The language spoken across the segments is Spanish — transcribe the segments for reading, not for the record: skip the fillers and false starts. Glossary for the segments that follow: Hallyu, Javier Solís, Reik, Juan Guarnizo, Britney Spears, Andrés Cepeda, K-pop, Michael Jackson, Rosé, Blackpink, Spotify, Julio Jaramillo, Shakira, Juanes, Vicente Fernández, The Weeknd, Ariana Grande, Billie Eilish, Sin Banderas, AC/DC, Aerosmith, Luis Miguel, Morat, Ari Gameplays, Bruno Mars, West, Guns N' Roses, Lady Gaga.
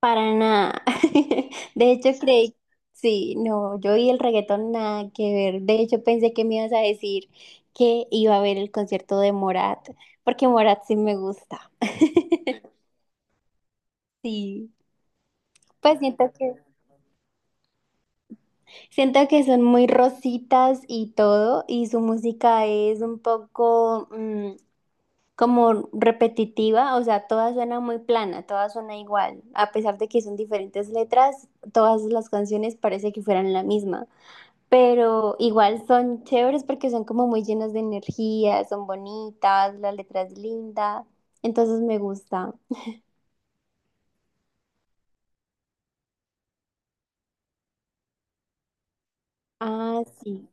Para nada. De hecho, creí, sí, no, yo y el reggaetón nada que ver. De hecho, pensé que me ibas a decir que iba a ver el concierto de Morat, porque Morat sí me gusta. Sí, pues siento que son muy rositas y todo, y su música es un poco como repetitiva, o sea, todas suena muy plana, todas suena igual, a pesar de que son diferentes letras, todas las canciones parece que fueran la misma. Pero igual son chéveres porque son como muy llenas de energía, son bonitas, la letra es linda, entonces me gusta. Ah, sí,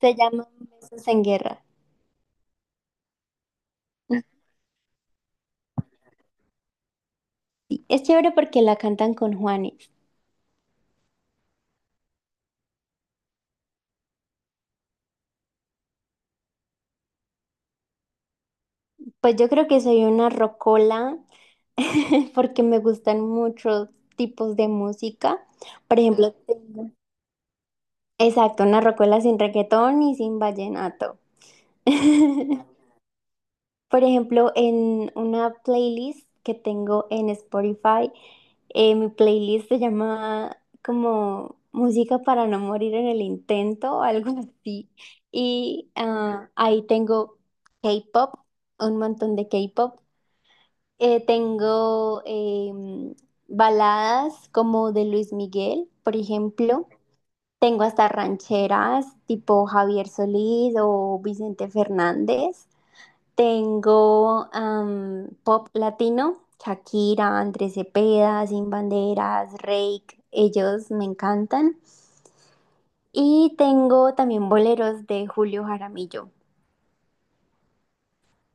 se llama Besos en Guerra. Sí, es chévere porque la cantan con Juanes. Pues yo creo que soy una rocola porque me gustan muchos tipos de música. Por ejemplo, exacto, una rocola sin reggaetón y sin vallenato. Por ejemplo, en una playlist que tengo en Spotify. Mi playlist se llama como Música para no morir en el intento o algo así. Y ahí tengo K-pop, un montón de K-pop. Tengo baladas como de Luis Miguel, por ejemplo. Tengo hasta rancheras tipo Javier Solís o Vicente Fernández. Tengo pop latino, Shakira, Andrés Cepeda, Sin Banderas, Reik, ellos me encantan. Y tengo también boleros de Julio Jaramillo.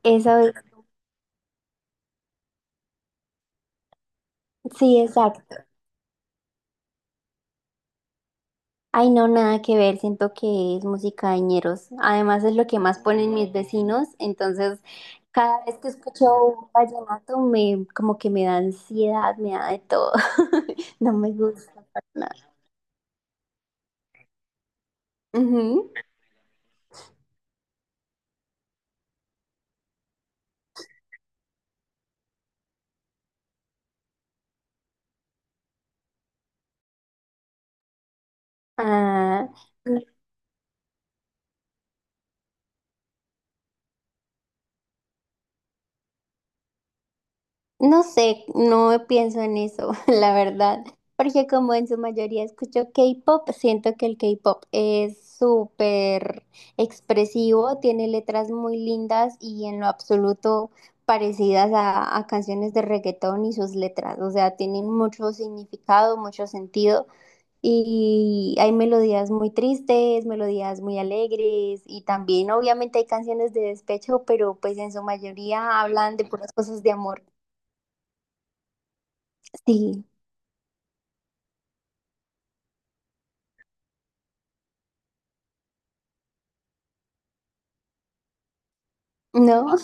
Eso es, sí, exacto. Ay, no, nada que ver, siento que es música de ñeros. Además es lo que más ponen mis vecinos, entonces cada vez que escucho un vallenato me como que me da ansiedad, me da de todo. No me gusta para nada. Ujú. Ah, no sé, no pienso en eso, la verdad, porque como en su mayoría escucho K-pop, siento que el K-pop es súper expresivo, tiene letras muy lindas y en lo absoluto parecidas a canciones de reggaetón y sus letras, o sea, tienen mucho significado, mucho sentido y hay melodías muy tristes, melodías muy alegres y también obviamente hay canciones de despecho, pero pues en su mayoría hablan de puras cosas de amor. Sí. No,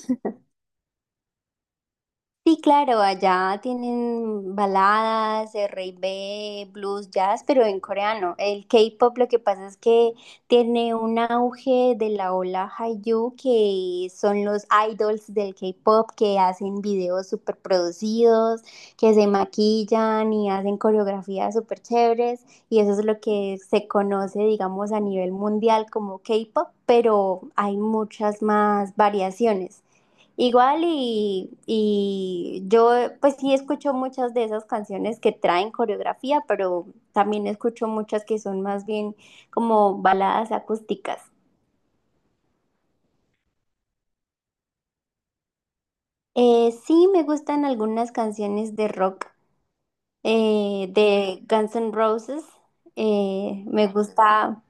sí, claro, allá tienen baladas, R&B, blues, jazz, pero en coreano. El K-pop lo que pasa es que tiene un auge de la ola Hallyu, que son los idols del K-pop que hacen videos súper producidos, que se maquillan y hacen coreografías súper chéveres, y eso es lo que se conoce, digamos, a nivel mundial como K-pop, pero hay muchas más variaciones. Igual y yo pues sí escucho muchas de esas canciones que traen coreografía, pero también escucho muchas que son más bien como baladas acústicas. Sí me gustan algunas canciones de rock de Guns N' Roses. Me gusta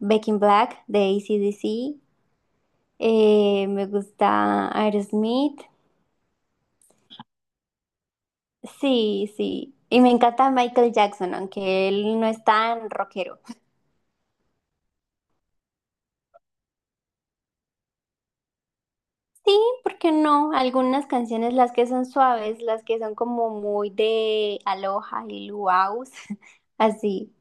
Back in Black de AC/DC. Me gusta Aerosmith. Sí, sí. Y me encanta Michael Jackson, aunque él no es tan rockero. Sí, ¿porque no? Algunas canciones, las que son suaves, las que son como muy de aloha y luau, así.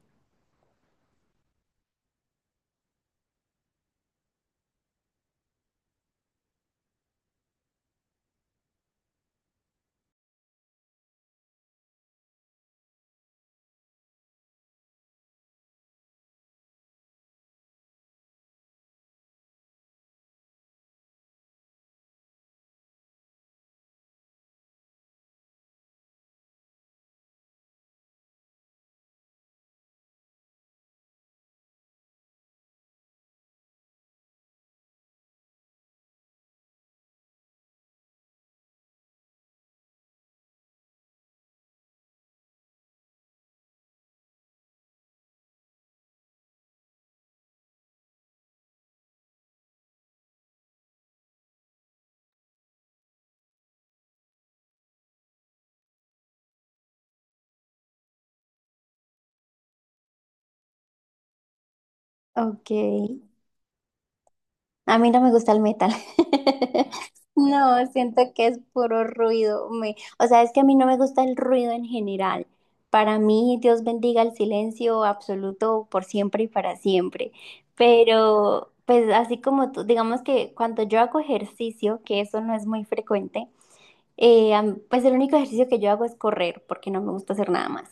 Ok. A mí no me gusta el metal. No, siento que es puro ruido. Me, o sea, es que a mí no me gusta el ruido en general. Para mí, Dios bendiga el silencio absoluto por siempre y para siempre. Pero, pues así como tú, digamos que cuando yo hago ejercicio, que eso no es muy frecuente, pues el único ejercicio que yo hago es correr, porque no me gusta hacer nada más.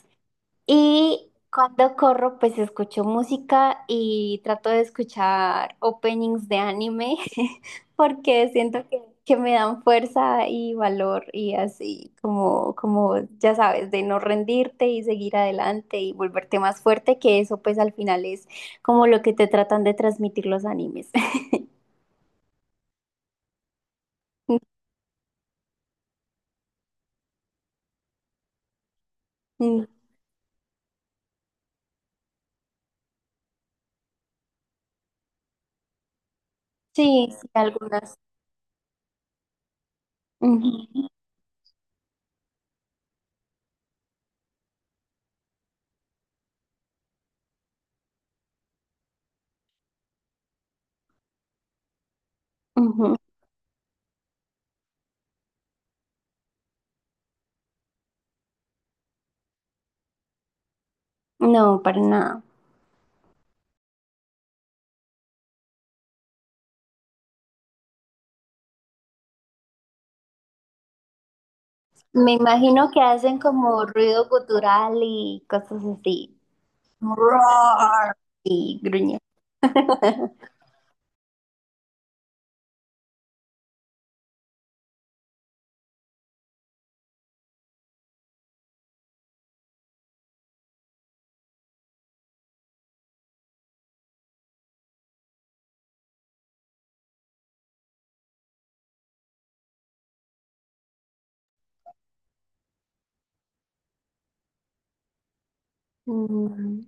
Y cuando corro, pues escucho música y trato de escuchar openings de anime, porque siento que me dan fuerza y valor y así como, como, ya sabes, de no rendirte y seguir adelante y volverte más fuerte, que eso pues al final es como lo que te tratan de transmitir los animes. Mm, sí, sí, algunas. Ujú, ujú. No, para nada. Me imagino que hacen como ruido gutural y cosas así. Roar y gruñe. Mm,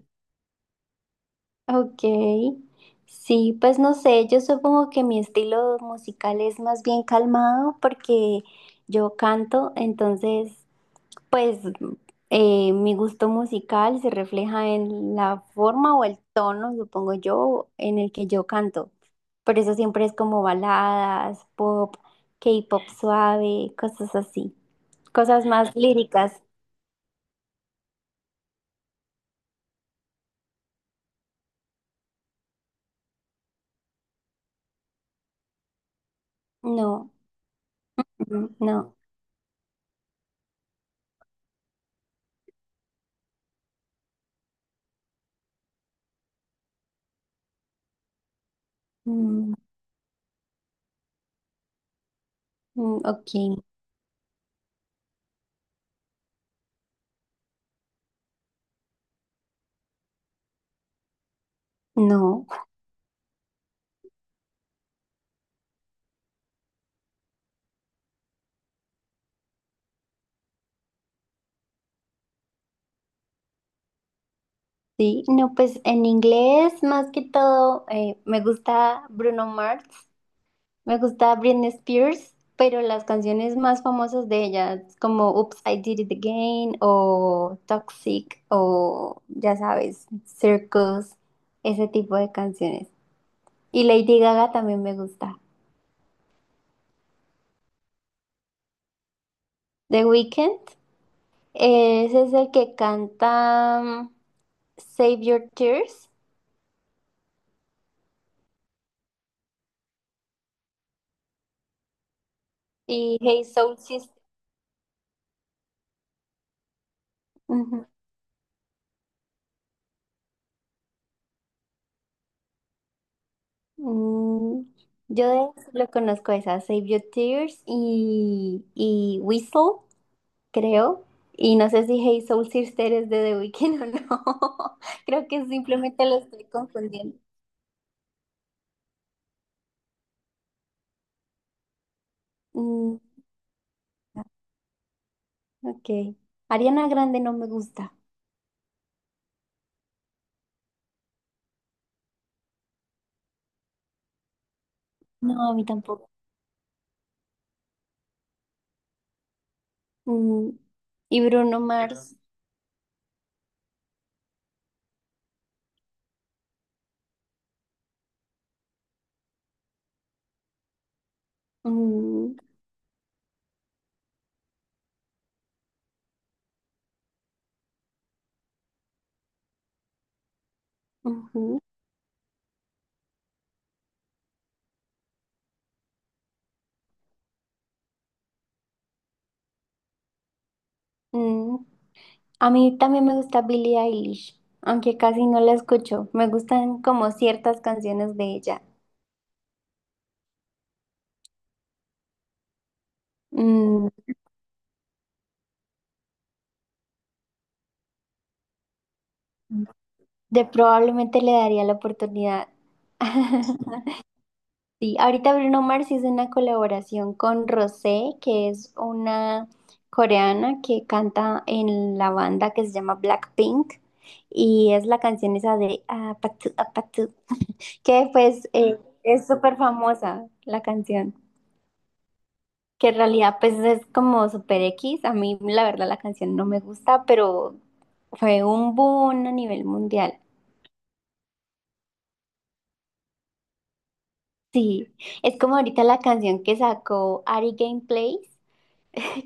ok. Sí, pues no sé, yo supongo que mi estilo musical es más bien calmado porque yo canto, entonces pues mi gusto musical se refleja en la forma o el tono, supongo yo, en el que yo canto. Por eso siempre es como baladas, pop, K-pop suave, cosas así. Cosas más líricas. No, mm, no. Mm, mm, ok, no. Sí, no, pues en inglés más que todo me gusta Bruno Mars. Me gusta Britney Spears, pero las canciones más famosas de ella, como Oops, I Did It Again, o Toxic, o ya sabes, Circus, ese tipo de canciones. Y Lady Gaga también me gusta. The Weeknd, ese es el que canta Save Your Tears y Hey Soul Sister. Ujú. Mm, Yo de- lo conozco esa, Save Your Tears y Whistle. Creo. Y no sé si Hey Soul Sister es de The Weeknd o no. Creo que simplemente lo estoy confundiendo. Mm, ok. Ariana Grande no me gusta. No, a mí tampoco. Mm, y Bruno Mars. Mm, ujú, mm. A mí también me gusta Billie Eilish, aunque casi no la escucho. Me gustan como ciertas canciones de ella. Mm, de probablemente le daría la oportunidad. Sí, ahorita Bruno Mars hizo una colaboración con Rosé, que es una coreana que canta en la banda que se llama Blackpink y es la canción esa de Apatu Apatu, que pues es súper famosa la canción, que en realidad pues es como super X, a mí la verdad la canción no me gusta, pero fue un boom a nivel mundial. Sí, es como ahorita la canción que sacó Ari Gameplays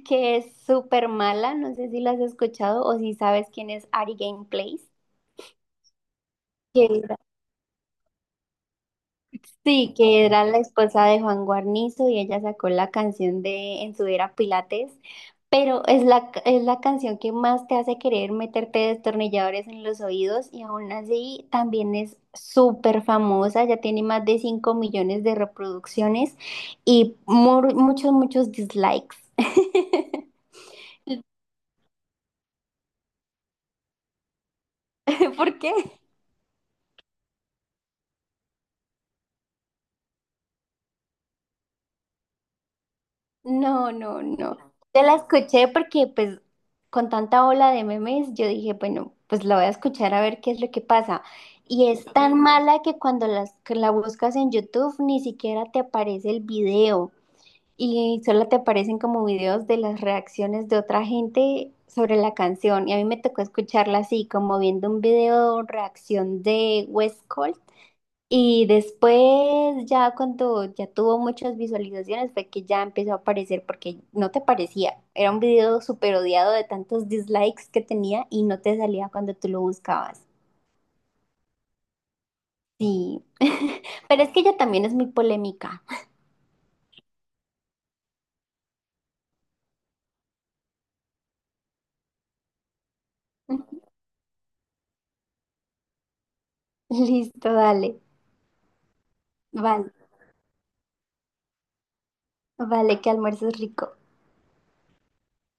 que es súper mala, no sé si la has escuchado o si sabes quién es Ari Gameplays, que era- sí, que era la esposa de Juan Guarnizo y ella sacó la canción de En su era Pilates, pero es la canción que más te hace querer meterte destornilladores en los oídos y aún así también es súper famosa, ya tiene más de 5 millones de reproducciones y mu muchos, muchos dislikes. ¿Por qué? No, no, no. Te la escuché porque pues con tanta ola de memes yo dije, bueno, pues la voy a escuchar a ver qué es lo que pasa. Y es tan mala que cuando que la buscas en YouTube ni siquiera te aparece el video y solo te aparecen como videos de las reacciones de otra gente sobre la canción. Y a mí me tocó escucharla así, como viendo un video reacción de West y después ya cuando ya tuvo muchas visualizaciones fue que ya empezó a aparecer porque no te parecía. Era un video súper odiado de tantos dislikes que tenía y no te salía cuando tú lo buscabas. Sí, pero es que ella también es muy polémica. Listo, dale. Vale, vale, que almuerces rico.